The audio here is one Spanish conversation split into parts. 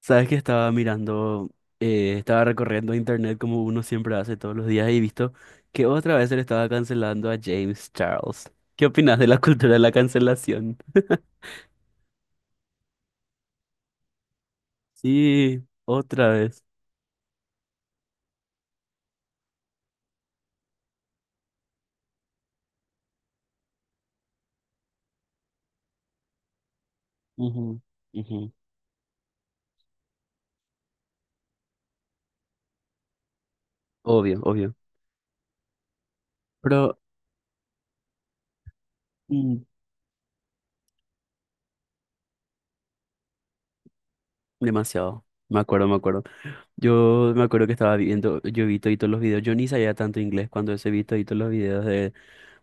Sabes que estaba mirando, estaba recorriendo internet como uno siempre hace todos los días y visto que otra vez se le estaba cancelando a James Charles. ¿Qué opinas de la cultura de la cancelación? Sí, otra vez. Ujú, ujú. Obvio, obvio. Pero mm, demasiado. Me acuerdo, me acuerdo. Yo me acuerdo que estaba viendo, yo vi todos los videos. Yo ni sabía tanto inglés cuando ese vi todos los videos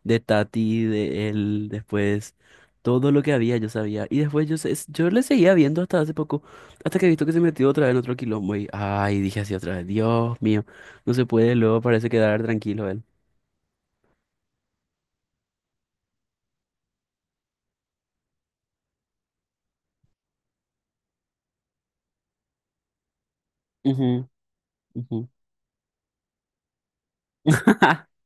de Tati, de él, después todo lo que había yo sabía. Y después yo, yo le seguía viendo hasta hace poco, hasta que he visto que se metió otra vez en otro quilombo y, ay, dije así otra vez, Dios mío, no se puede, luego parece quedar tranquilo él. Ujú, ujú.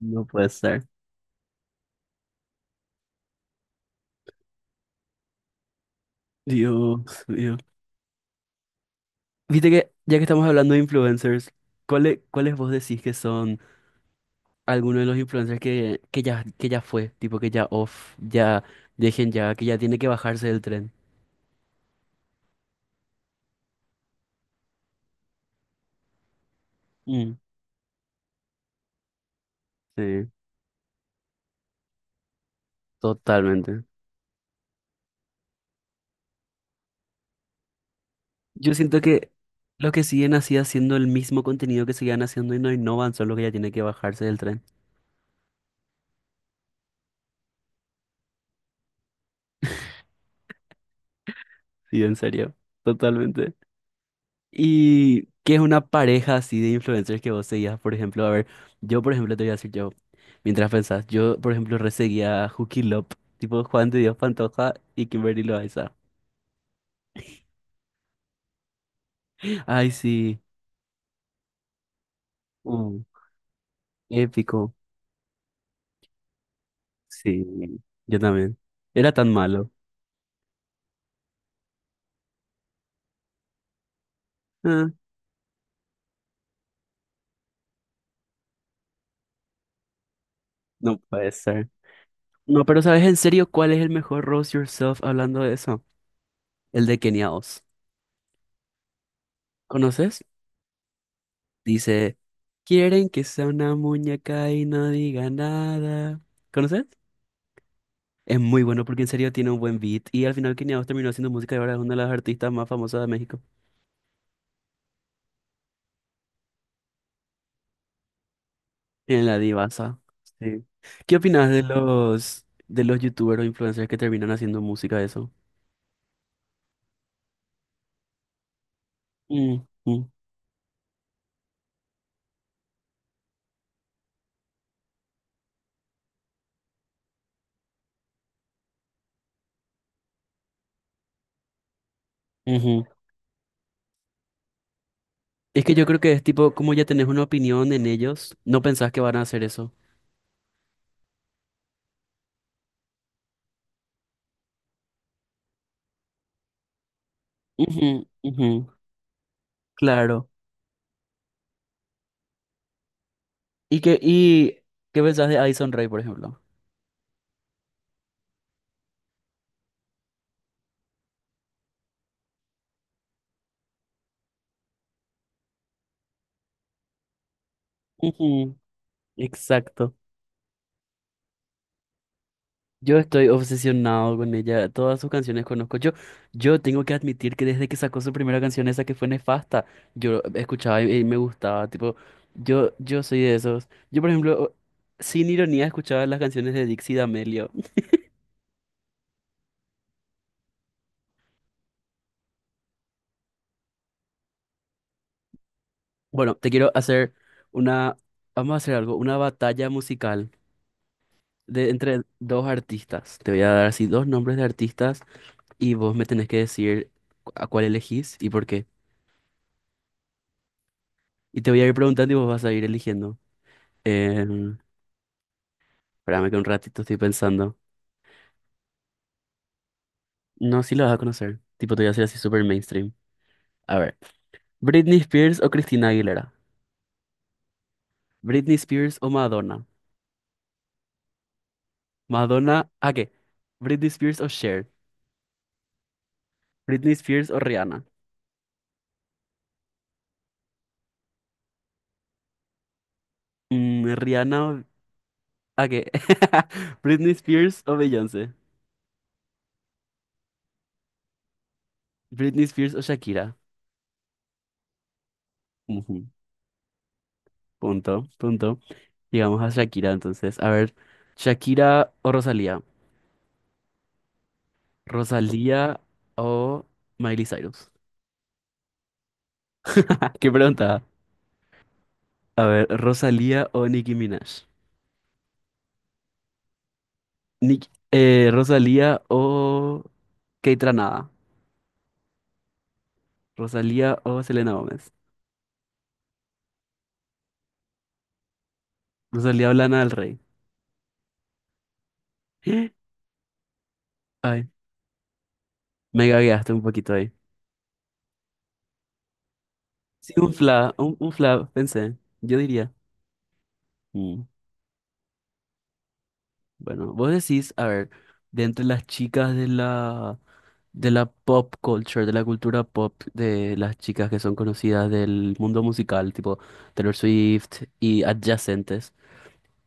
No puede ser. Dios mío. Viste que, ya que estamos hablando de influencers, ¿cuáles, cuáles vos decís que son algunos de los influencers que ya fue? Tipo que ya off, ya dejen ya, que ya tiene que bajarse del tren. Mm, sí. Totalmente. Yo siento que los que siguen así haciendo el mismo contenido que siguen haciendo y no innovan son los que ya tienen que bajarse del tren. Sí, en serio. Totalmente. ¿Y qué es una pareja así de influencers que vos seguías? Por ejemplo, a ver, yo por ejemplo te voy a decir yo, mientras pensás, yo por ejemplo reseguía a Juki Lop, tipo Juan de Dios Pantoja y Kimberly Loaiza. Ay, sí. Mm, épico. Sí, yo también. Era tan malo. Ah, no puede ser. No, pero ¿sabes en serio cuál es el mejor Rose Yourself hablando de eso? El de Kenia Os. ¿Conoces? Dice, quieren que sea una muñeca y no diga nada. ¿Conoces? Es muy bueno porque en serio tiene un buen beat y al final Kenia Os terminó haciendo música y ahora es una de las artistas más famosas de México. En la divasa. Sí. ¿Qué opinas de los youtubers o influencers que terminan haciendo música de eso? Mm, mm, ujú. Es que yo creo que es tipo, como ya tenés una opinión en ellos, no pensás que van a hacer eso. Ujú, ujú, claro. Y qué pensás de Addison Rae, por ejemplo? Ujú, exacto. Yo estoy obsesionado con ella. Todas sus canciones conozco. Yo tengo que admitir que desde que sacó su primera canción, esa que fue Nefasta, yo escuchaba y me gustaba. Tipo, yo soy de esos. Yo, por ejemplo, sin ironía, escuchaba las canciones de Dixie D'Amelio. Bueno, te quiero hacer una. Vamos a hacer algo, una batalla musical de entre dos artistas. Te voy a dar así dos nombres de artistas. Y vos me tenés que decir a cuál elegís y por qué. Y te voy a ir preguntando y vos vas a ir eligiendo. Eh, Espérame que un ratito estoy pensando. No, sí lo vas a conocer. Tipo, te voy a hacer así súper mainstream. A ver. ¿Britney Spears o Christina Aguilera? ¿Britney Spears o Madonna? ¿Madonna? ¿A qué? ¿Britney Spears o Cher? ¿Britney Spears o Rihanna? Mm, ¿Rihanna o... ¿A qué? ¿Britney Spears o Beyoncé? ¿Britney Spears o Shakira? Ujú. Punto, punto. Llegamos a Shakira, entonces. A ver, Shakira o Rosalía. Rosalía o Miley Cyrus. Qué pregunta. A ver, Rosalía o Nicki Minaj. Rosalía o Kate Ranada. Rosalía o Selena Gómez. Rosalía o Lana del Rey. Ay, me gagueaste un poquito ahí. Sí, un fla, un fla, pensé. Yo diría. Mm. Bueno, vos decís, a ver, de entre las chicas de la pop culture, de la cultura pop, de las chicas que son conocidas del mundo musical, tipo Taylor Swift y adyacentes,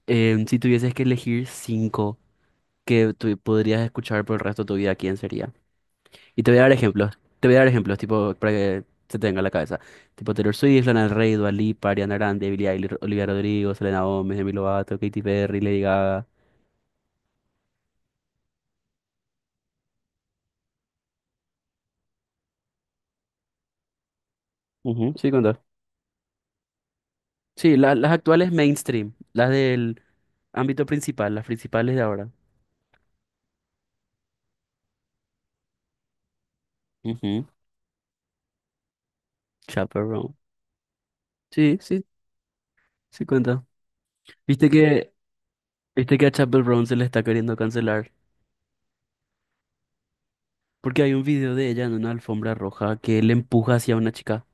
si tuvieses que elegir cinco que tú podrías escuchar por el resto de tu vida, ¿quién sería? Y te voy a dar ejemplos, te voy a dar ejemplos, tipo, para que se te venga a la cabeza. Tipo Taylor Swift, Lana del Rey, Dua Lipa, Ariana Grande, Billie Eilish, Olivia Rodrigo, Selena Gomez, Demi Lovato, Katy Perry, Lady Gaga. Ujú, sí, contá. Sí, las actuales mainstream, las del ámbito principal, las principales de ahora. Ujú, Chappell Roan. Sí, sí, sí cuenta. Viste que, viste que a Chappell Roan se le está queriendo cancelar. Porque hay un video de ella en una alfombra roja que le empuja hacia una chica.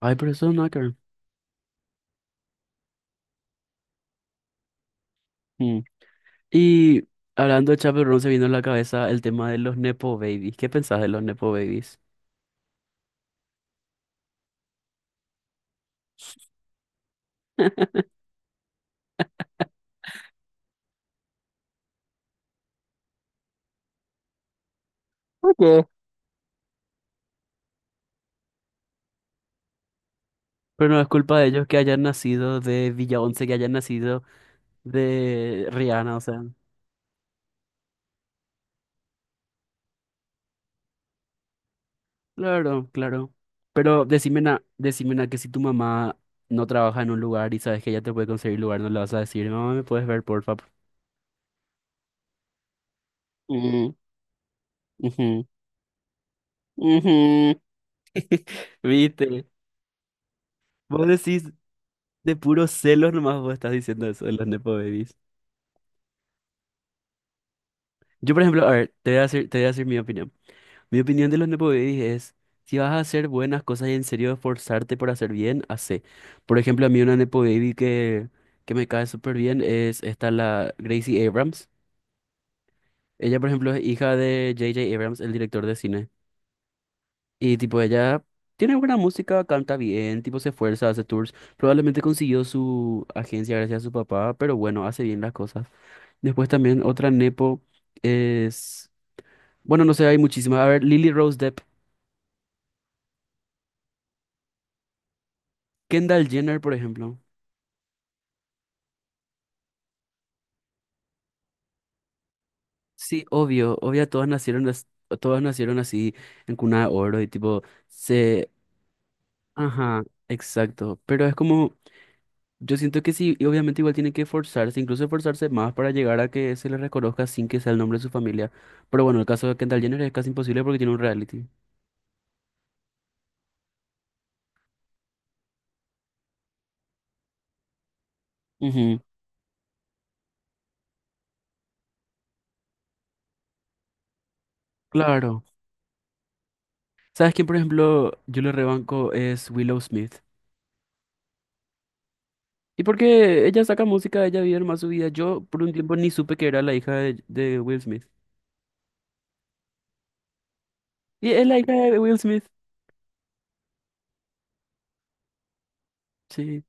Ay, pero eso es un hacker. Mm. Y hablando de Chappell Roan, se vino a la cabeza el tema de los Nepo Babies. ¿Qué pensás de los Nepo Babies? ¿Por qué? Pero no es culpa de ellos que hayan nacido de Villa Once, que hayan nacido de Rihanna, o sea. Claro, claro. Pero decime decime na que si tu mamá no trabaja en un lugar y sabes que ella te puede conseguir lugar, no le vas a decir, mamá, ¿me puedes ver, porfa? Mm, ujú, ujú". ¿Viste? Vos decís de puros celos nomás vos estás diciendo eso de los Nepo Babies. Yo, por ejemplo, a ver, te voy a decir, te voy a decir mi opinión. Mi opinión de los Nepo Babies es, si vas a hacer buenas cosas y en serio esforzarte por hacer bien, hacé. Por ejemplo, a mí una Nepo Baby que me cae súper bien es esta, la Gracie Abrams. Ella, por ejemplo, es hija de J.J. Abrams, el director de cine. Y tipo, ella tiene buena música, canta bien, tipo, se esfuerza, hace tours. Probablemente consiguió su agencia gracias a su papá, pero bueno, hace bien las cosas. Después también otra Nepo es... Bueno, no sé, hay muchísimas. A ver, Lily Rose Depp, Kendall Jenner, por ejemplo. Sí, obvio, obvio, todas nacieron, todas nacieron así en cuna de oro y tipo, se... Ajá, exacto. Pero es como... Yo siento que sí, y obviamente igual tiene que forzarse, incluso forzarse más para llegar a que se le reconozca sin que sea el nombre de su familia. Pero bueno, el caso de Kendall Jenner es casi imposible porque tiene un reality. Ujú, claro. ¿Sabes quién, por ejemplo, yo le rebanco es Willow Smith? Y porque ella saca música, ella vive más su vida. Yo por un tiempo ni supe que era la hija de Will Smith. Y es la hija de Will Smith. Sí,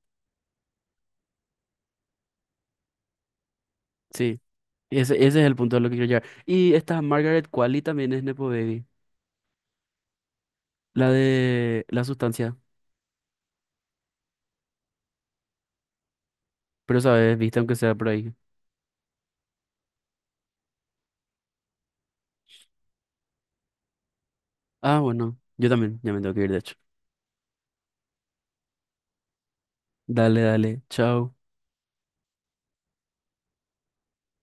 sí. Ese es el punto a lo que quiero llegar. Y esta Margaret Qualley también es Nepo Baby, la de la sustancia. Pero sabes, viste, aunque sea por ahí. Ah, bueno, yo también, ya me tengo que ir, de hecho. Dale, dale, chao.